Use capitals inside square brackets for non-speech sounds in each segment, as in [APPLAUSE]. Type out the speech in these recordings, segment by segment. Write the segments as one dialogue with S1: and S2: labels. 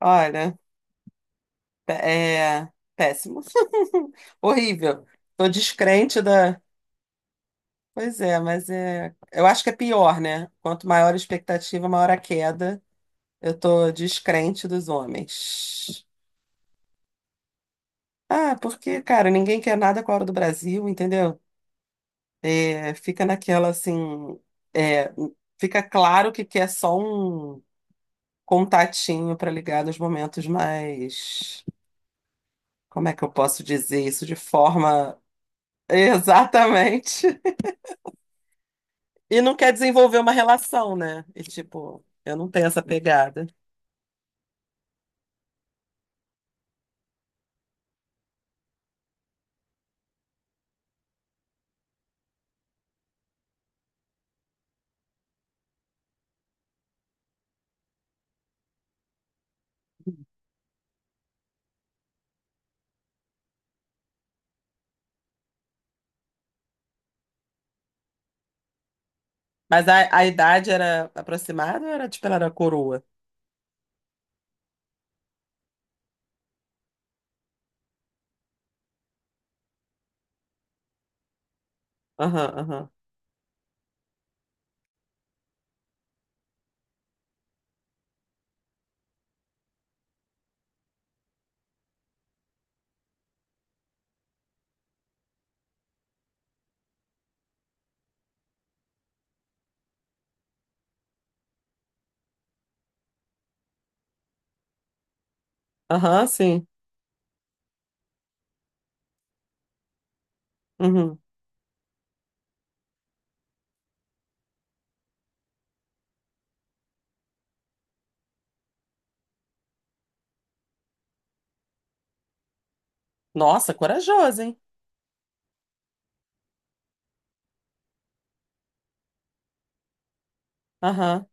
S1: Olha, é péssimo. [LAUGHS] Horrível. Tô descrente da. Pois é, mas é. Eu acho que é pior, né? Quanto maior a expectativa, maior a queda. Eu tô descrente dos homens. Ah, porque, cara, ninguém quer nada com a hora do Brasil, entendeu? É, fica naquela assim. É, fica claro que quer só um contatinho para ligar nos momentos mais. Como é que eu posso dizer isso de forma. [LAUGHS] Exatamente. E não quer desenvolver uma relação, né? E tipo, eu não tenho essa pegada. Mas a idade era aproximada ou era tipo, ela era coroa? Aham, aham. Aham, sim. Uhum. Nossa, corajoso, hein? Aham.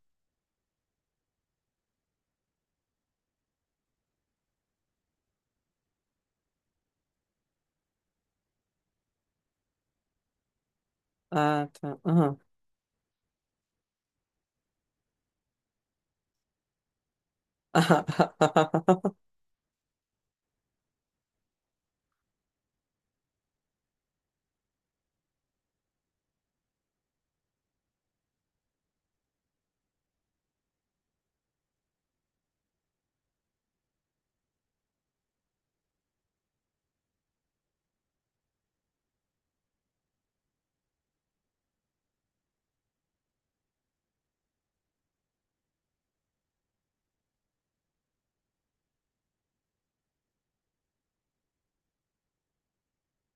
S1: Ah, tá. Aham. Aham. [LAUGHS]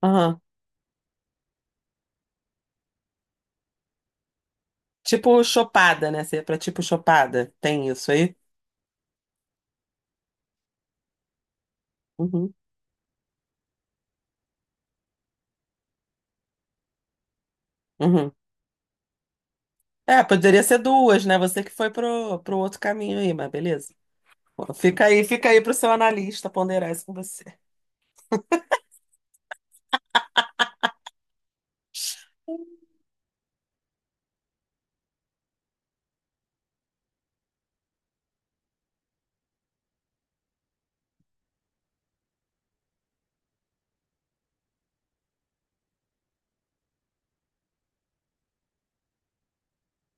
S1: Aham. Tipo chopada, né? Você é pra tipo chopada. Tem isso aí? Uhum. Uhum. É, poderia ser duas, né? Você que foi pro outro caminho aí, mas beleza. Fica aí pro seu analista ponderar isso com você.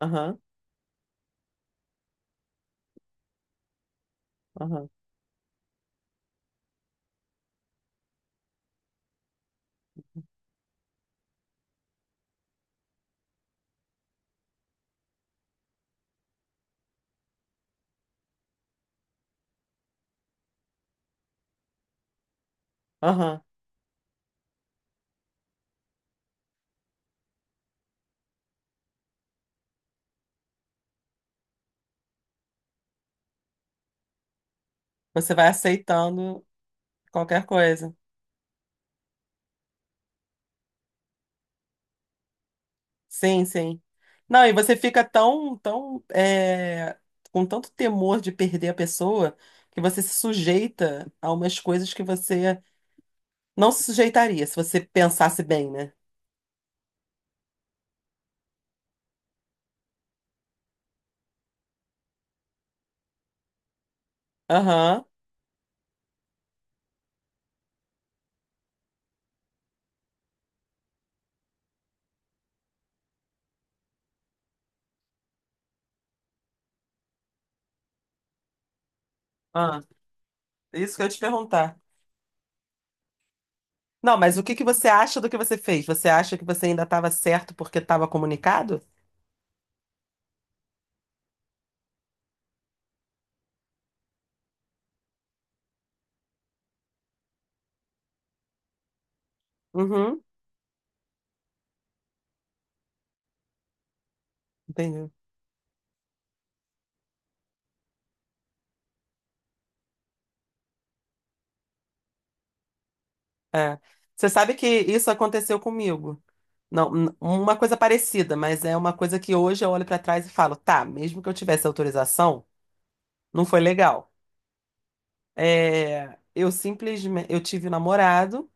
S1: Aham, aham, aham. Você vai aceitando qualquer coisa. Sim, sim. Não, e você fica tão com tanto temor de perder a pessoa que você se sujeita a umas coisas que você não se sujeitaria se você pensasse bem, né? Aham. Ah, isso que eu ia te perguntar. Não, mas o que que você acha do que você fez? Você acha que você ainda estava certo porque estava comunicado? Uhum, entendi. Você sabe que isso aconteceu comigo. Não, n- Uma coisa parecida, mas é uma coisa que hoje eu olho para trás e falo, tá, mesmo que eu tivesse autorização, não foi legal. É, eu simplesmente, eu tive um namorado.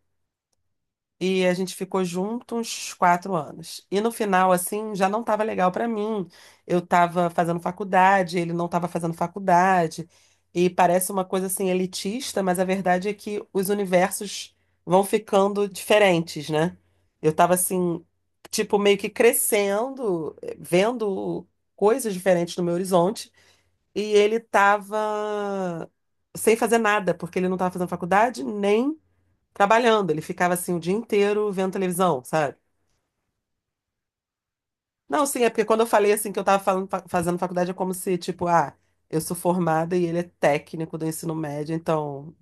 S1: E a gente ficou junto uns 4 anos. E no final, assim, já não estava legal para mim. Eu estava fazendo faculdade, ele não estava fazendo faculdade. E parece uma coisa assim elitista, mas a verdade é que os universos vão ficando diferentes, né? Eu estava assim, tipo, meio que crescendo, vendo coisas diferentes no meu horizonte. E ele estava sem fazer nada, porque ele não estava fazendo faculdade, nem trabalhando, ele ficava assim o dia inteiro vendo televisão, sabe? Não, sim, é porque quando eu falei assim que eu tava fazendo faculdade, é como se, tipo, ah, eu sou formada e ele é técnico do ensino médio, então.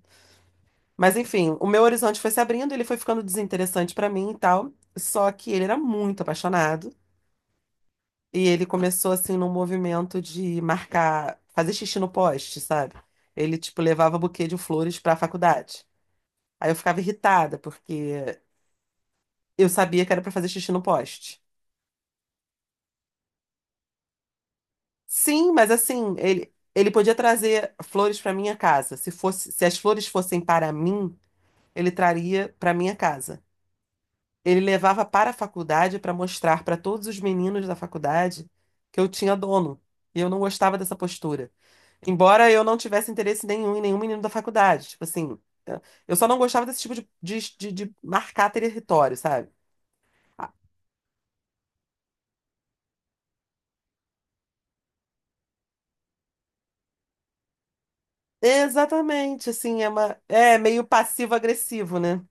S1: Mas enfim, o meu horizonte foi se abrindo, ele foi ficando desinteressante pra mim e tal. Só que ele era muito apaixonado e ele começou assim num movimento de marcar, fazer xixi no poste, sabe? Ele, tipo, levava buquê de flores pra faculdade. Aí eu ficava irritada, porque eu sabia que era pra fazer xixi no poste. Sim, mas assim, ele podia trazer flores para minha casa. Se fosse, se as flores fossem para mim, ele traria para minha casa. Ele levava para a faculdade para mostrar para todos os meninos da faculdade que eu tinha dono. E eu não gostava dessa postura. Embora eu não tivesse interesse nenhum em nenhum menino da faculdade. Tipo assim, eu só não gostava desse tipo de marcar território, sabe? Ah, exatamente, assim, é é meio passivo-agressivo, né?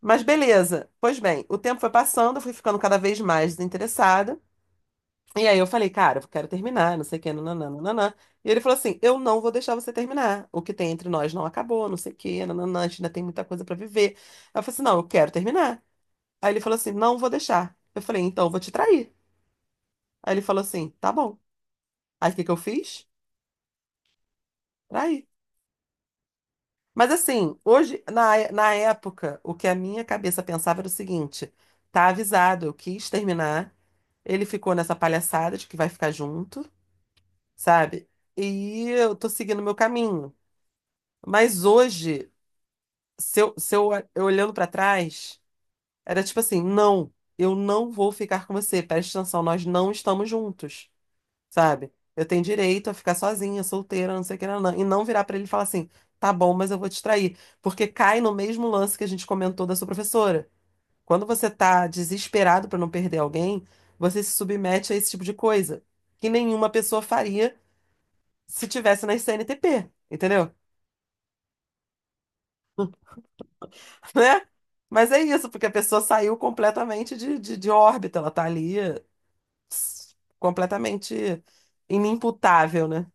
S1: Mas beleza. Pois bem, o tempo foi passando, eu fui ficando cada vez mais desinteressada. E aí eu falei, cara, eu quero terminar, não sei o que, nananã, nananã. E ele falou assim: eu não vou deixar você terminar. O que tem entre nós não acabou, não sei o que, nananã, a gente ainda tem muita coisa pra viver. Eu falei assim: não, eu quero terminar. Aí ele falou assim: não vou deixar. Eu falei: então eu vou te trair. Aí ele falou assim: tá bom. Aí o que que eu fiz? Traí. Mas assim, hoje, na época, o que a minha cabeça pensava era o seguinte: tá avisado, eu quis terminar, ele ficou nessa palhaçada de que vai ficar junto, sabe? E eu tô seguindo o meu caminho. Mas hoje, se eu, se eu, eu olhando pra trás, era tipo assim: não, eu não vou ficar com você, presta atenção, nós não estamos juntos, sabe? Eu tenho direito a ficar sozinha, solteira, não sei o que, não, não. E não virar pra ele e falar assim, tá bom, mas eu vou te trair. Porque cai no mesmo lance que a gente comentou da sua professora. Quando você tá desesperado pra não perder alguém, você se submete a esse tipo de coisa que nenhuma pessoa faria se tivesse na CNTP, entendeu? [LAUGHS] Né? Mas é isso, porque a pessoa saiu completamente de órbita, ela tá ali completamente inimputável, né?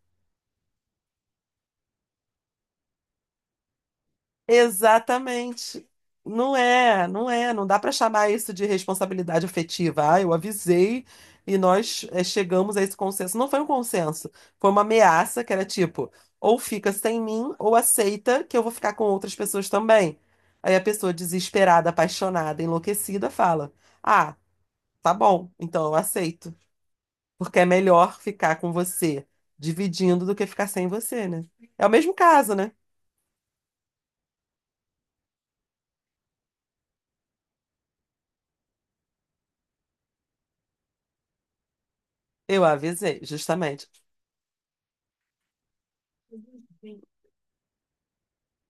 S1: Exatamente. Não é, não dá para chamar isso de responsabilidade afetiva. Ah, eu avisei e nós chegamos a esse consenso. Não foi um consenso, foi uma ameaça que era tipo, ou fica sem mim, ou aceita que eu vou ficar com outras pessoas também. Aí a pessoa desesperada, apaixonada, enlouquecida fala: Ah, tá bom, então eu aceito, porque é melhor ficar com você dividindo do que ficar sem você, né? É o mesmo caso, né? Eu avisei, justamente.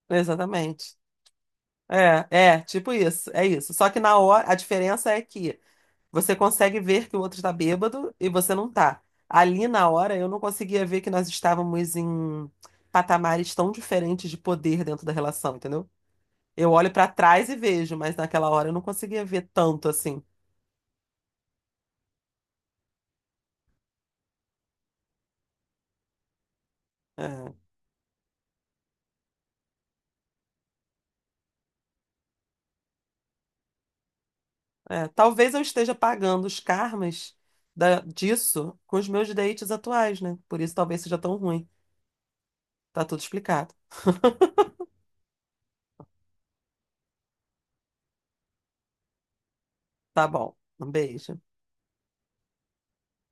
S1: Exatamente. Tipo isso, é isso. Só que na hora, a diferença é que você consegue ver que o outro tá bêbado e você não tá. Ali na hora eu não conseguia ver que nós estávamos em patamares tão diferentes de poder dentro da relação, entendeu? Eu olho pra trás e vejo, mas naquela hora eu não conseguia ver tanto assim. É, Talvez eu esteja pagando os karmas disso com os meus dates atuais, né? Por isso talvez seja tão ruim. Tá tudo explicado. Tá bom. Um beijo.